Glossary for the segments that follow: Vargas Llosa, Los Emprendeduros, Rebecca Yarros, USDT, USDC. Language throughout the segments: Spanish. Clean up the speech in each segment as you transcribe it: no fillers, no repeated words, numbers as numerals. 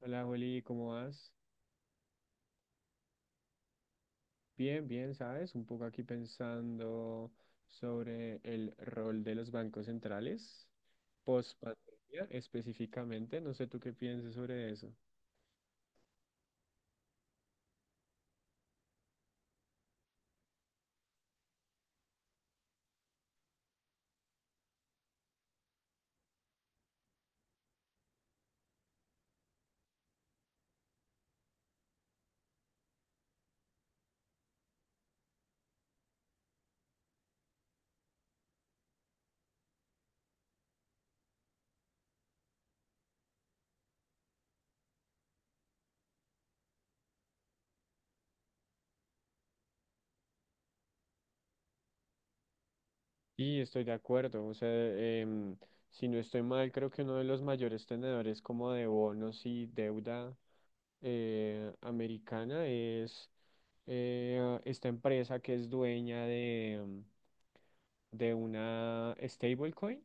Hola, Juli, ¿cómo vas? Bien, bien, ¿sabes? Un poco aquí pensando sobre el rol de los bancos centrales post pandemia específicamente. No sé tú qué piensas sobre eso. Y estoy de acuerdo, o sea, si no estoy mal, creo que uno de los mayores tenedores como de bonos y deuda americana es esta empresa que es dueña de una stablecoin.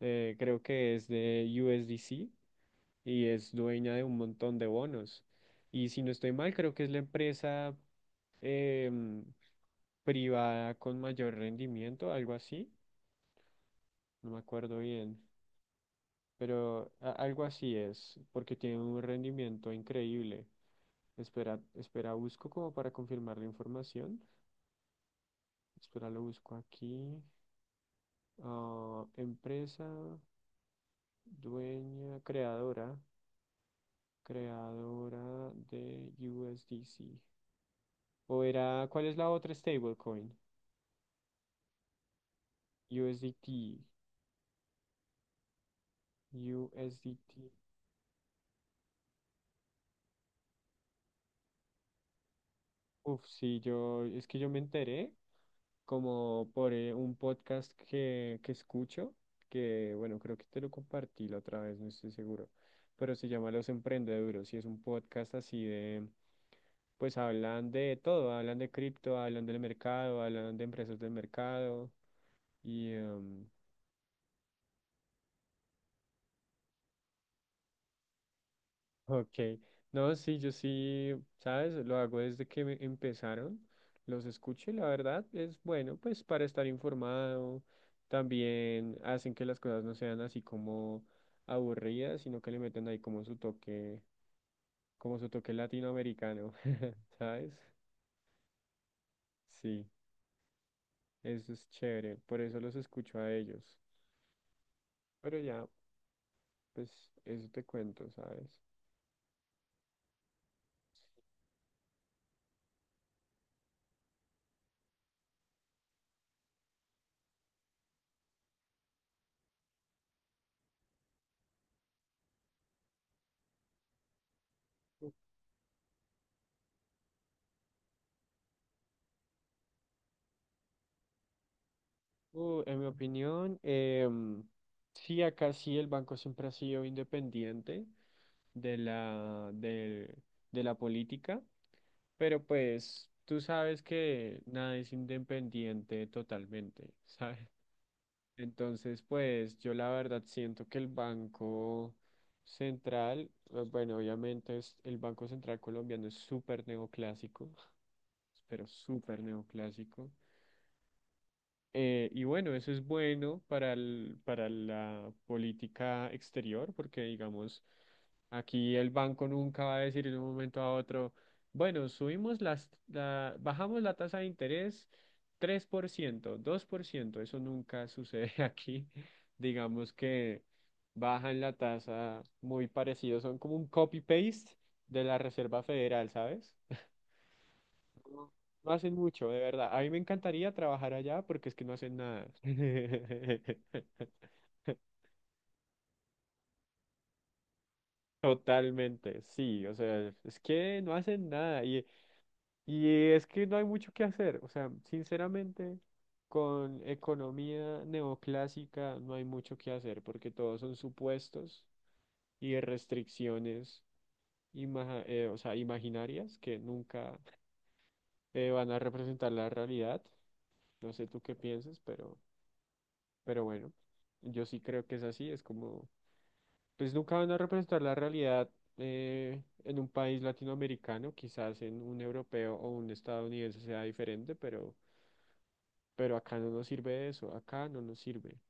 Creo que es de USDC y es dueña de un montón de bonos. Y si no estoy mal, creo que es la empresa em, privada con mayor rendimiento, algo así, no me acuerdo bien, pero algo así es, porque tiene un rendimiento increíble. Espera, espera, busco como para confirmar la información. Espera, lo busco aquí. Ah, empresa dueña, creadora. Creadora de USDC. O era, ¿cuál es la otra stablecoin? USDT, USDT. Uf, sí, yo, es que yo me enteré como por un podcast que escucho, que bueno, creo que te lo compartí la otra vez, no estoy seguro, pero se llama Los Emprendeduros y es un podcast así de, pues hablan de todo, hablan de cripto, hablan del mercado, hablan de empresas del mercado y... em, Ok, no, sí, yo sí, ¿sabes? Lo hago desde que me empezaron, los escucho y la verdad es bueno, pues para estar informado, también hacen que las cosas no sean así como aburridas, sino que le meten ahí como su toque latinoamericano, ¿sabes? Sí, eso es chévere, por eso los escucho a ellos, pero ya, pues eso te cuento, ¿sabes? En mi opinión, sí, acá sí el banco siempre ha sido independiente de de la política, pero pues tú sabes que nada es independiente totalmente, ¿sabes? Entonces, pues yo la verdad siento que el Banco Central, bueno, obviamente es, el Banco Central colombiano es súper neoclásico, pero súper neoclásico. Y bueno, eso es bueno para para la política exterior, porque digamos, aquí el banco nunca va a decir de un momento a otro, bueno, subimos bajamos la tasa de interés 3% 2% eso nunca sucede aquí. Digamos que bajan la tasa muy parecido, son como un copy-paste de la Reserva Federal, ¿sabes? No, no hacen mucho, de verdad. A mí me encantaría trabajar allá porque es que no hacen nada. Totalmente, sí, o sea, es que no hacen nada y, y es que no hay mucho que hacer, o sea, sinceramente, con economía neoclásica no hay mucho que hacer porque todos son supuestos y restricciones, o sea, imaginarias que nunca van a representar la realidad. No sé tú qué piensas, pero... Pero bueno, yo sí creo que es así, es como, pues nunca van a representar la realidad en un país latinoamericano, quizás en un europeo o un estadounidense sea diferente, pero acá no nos sirve eso, acá no nos sirve.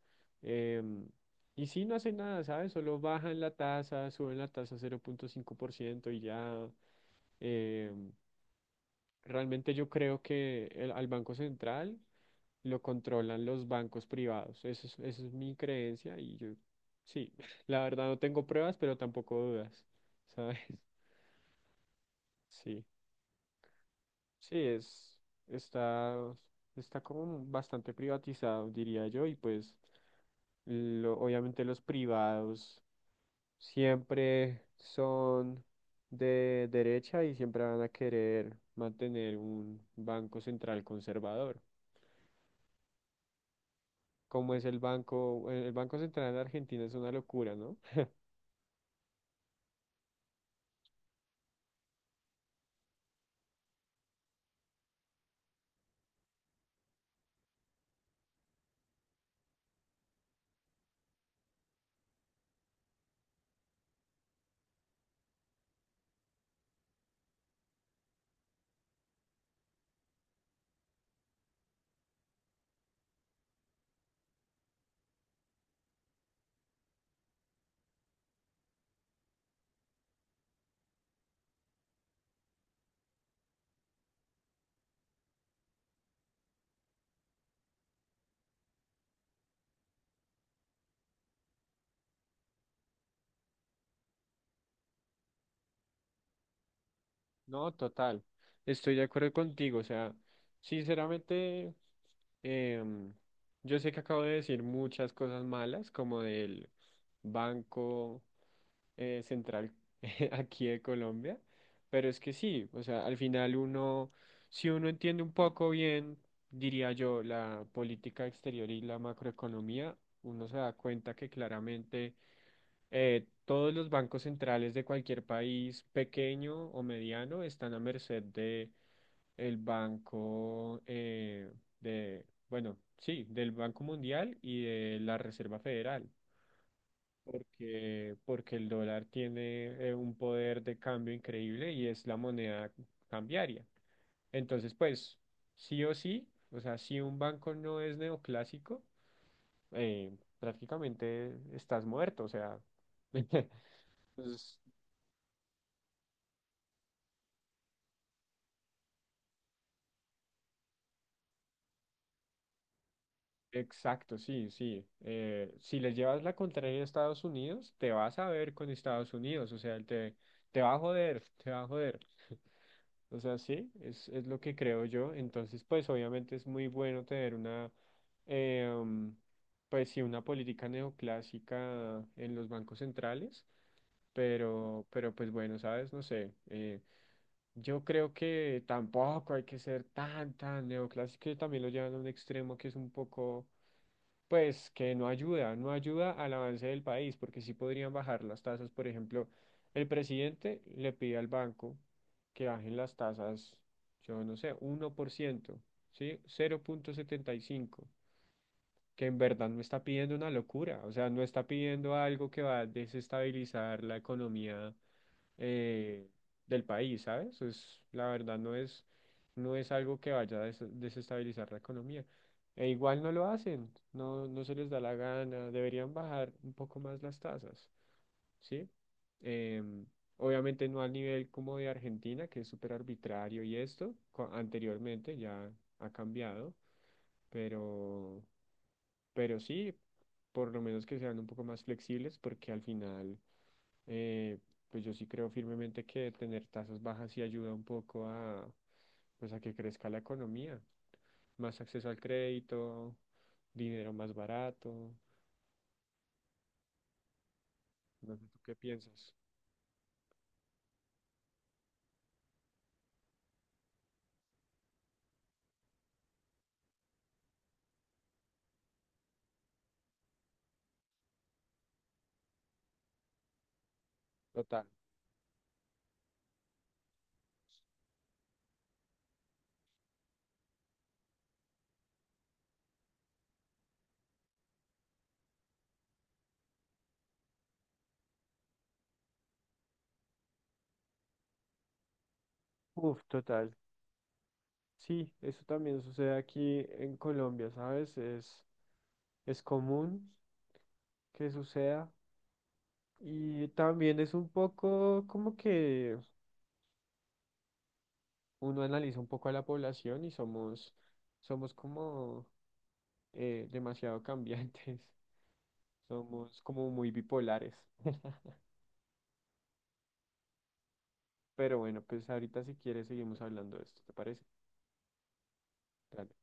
Em, y sí, no hacen nada, ¿sabes? Solo bajan la tasa, suben la tasa 0.5% y ya. em, Realmente yo creo que al Banco Central. Lo controlan los bancos privados. Eso es, esa es mi creencia y yo, sí, la verdad no tengo pruebas, pero tampoco dudas, ¿sabes? Sí, sí, es, está, está como bastante privatizado, diría yo, y pues obviamente los privados siempre son de derecha y siempre van a querer mantener un banco central conservador. Como es el Banco Central de Argentina es una locura, ¿no? No, total. Estoy de acuerdo contigo. O sea, sinceramente, em, yo sé que acabo de decir muchas cosas malas, como del Banco Central aquí de Colombia, pero es que sí, o sea, al final uno, si uno entiende un poco bien, diría yo, la política exterior y la macroeconomía, uno se da cuenta que claramente todos los bancos centrales de cualquier país pequeño o mediano están a merced de el banco bueno, sí, del Banco Mundial y de la Reserva Federal, porque, porque el dólar tiene un poder de cambio increíble y es la moneda cambiaria. Entonces, pues, sí o sí, o sea, si un banco no es neoclásico, eh, prácticamente estás muerto, o sea. Entonces, exacto, sí, sí. Si le llevas la contraria a Estados Unidos, te vas a ver con Estados Unidos, o sea, él te, te va a joder, te va a joder. O sea, sí, es lo que creo yo. Entonces, pues obviamente es muy bueno tener una, eh, um, pues sí, una política neoclásica en los bancos centrales, pero pues bueno, sabes, no sé. Yo creo que tampoco hay que ser tan, tan neoclásico, que también lo llevan a un extremo que es un poco pues que no ayuda, no ayuda al avance del país, porque sí podrían bajar las tasas. Por ejemplo, el presidente le pide al banco que bajen las tasas, yo no sé, 1%, ¿sí? 0,75, que en verdad no está pidiendo una locura, o sea, no está pidiendo algo que va a desestabilizar la economía eh, del país, ¿sabes? Es, la verdad no es, no es algo que vaya a desestabilizar la economía. E igual no lo hacen, no, no se les da la gana, deberían bajar un poco más las tasas, ¿sí? Em, Obviamente no al nivel como de Argentina, que es súper arbitrario y esto, anteriormente ya ha cambiado, pero, pero sí, por lo menos que sean un poco más flexibles, porque al final eh, pues yo sí creo firmemente que tener tasas bajas sí ayuda un poco a, pues a que crezca la economía, más acceso al crédito, dinero más barato, no sé tú qué piensas. Total. Uf, total. Sí, eso también sucede aquí en Colombia, ¿sabes? Es común que suceda y también es un poco como que uno analiza un poco a la población y somos, somos como demasiado cambiantes. Somos como muy bipolares. Pero bueno, pues ahorita si quieres seguimos hablando de esto, ¿te parece? Dale.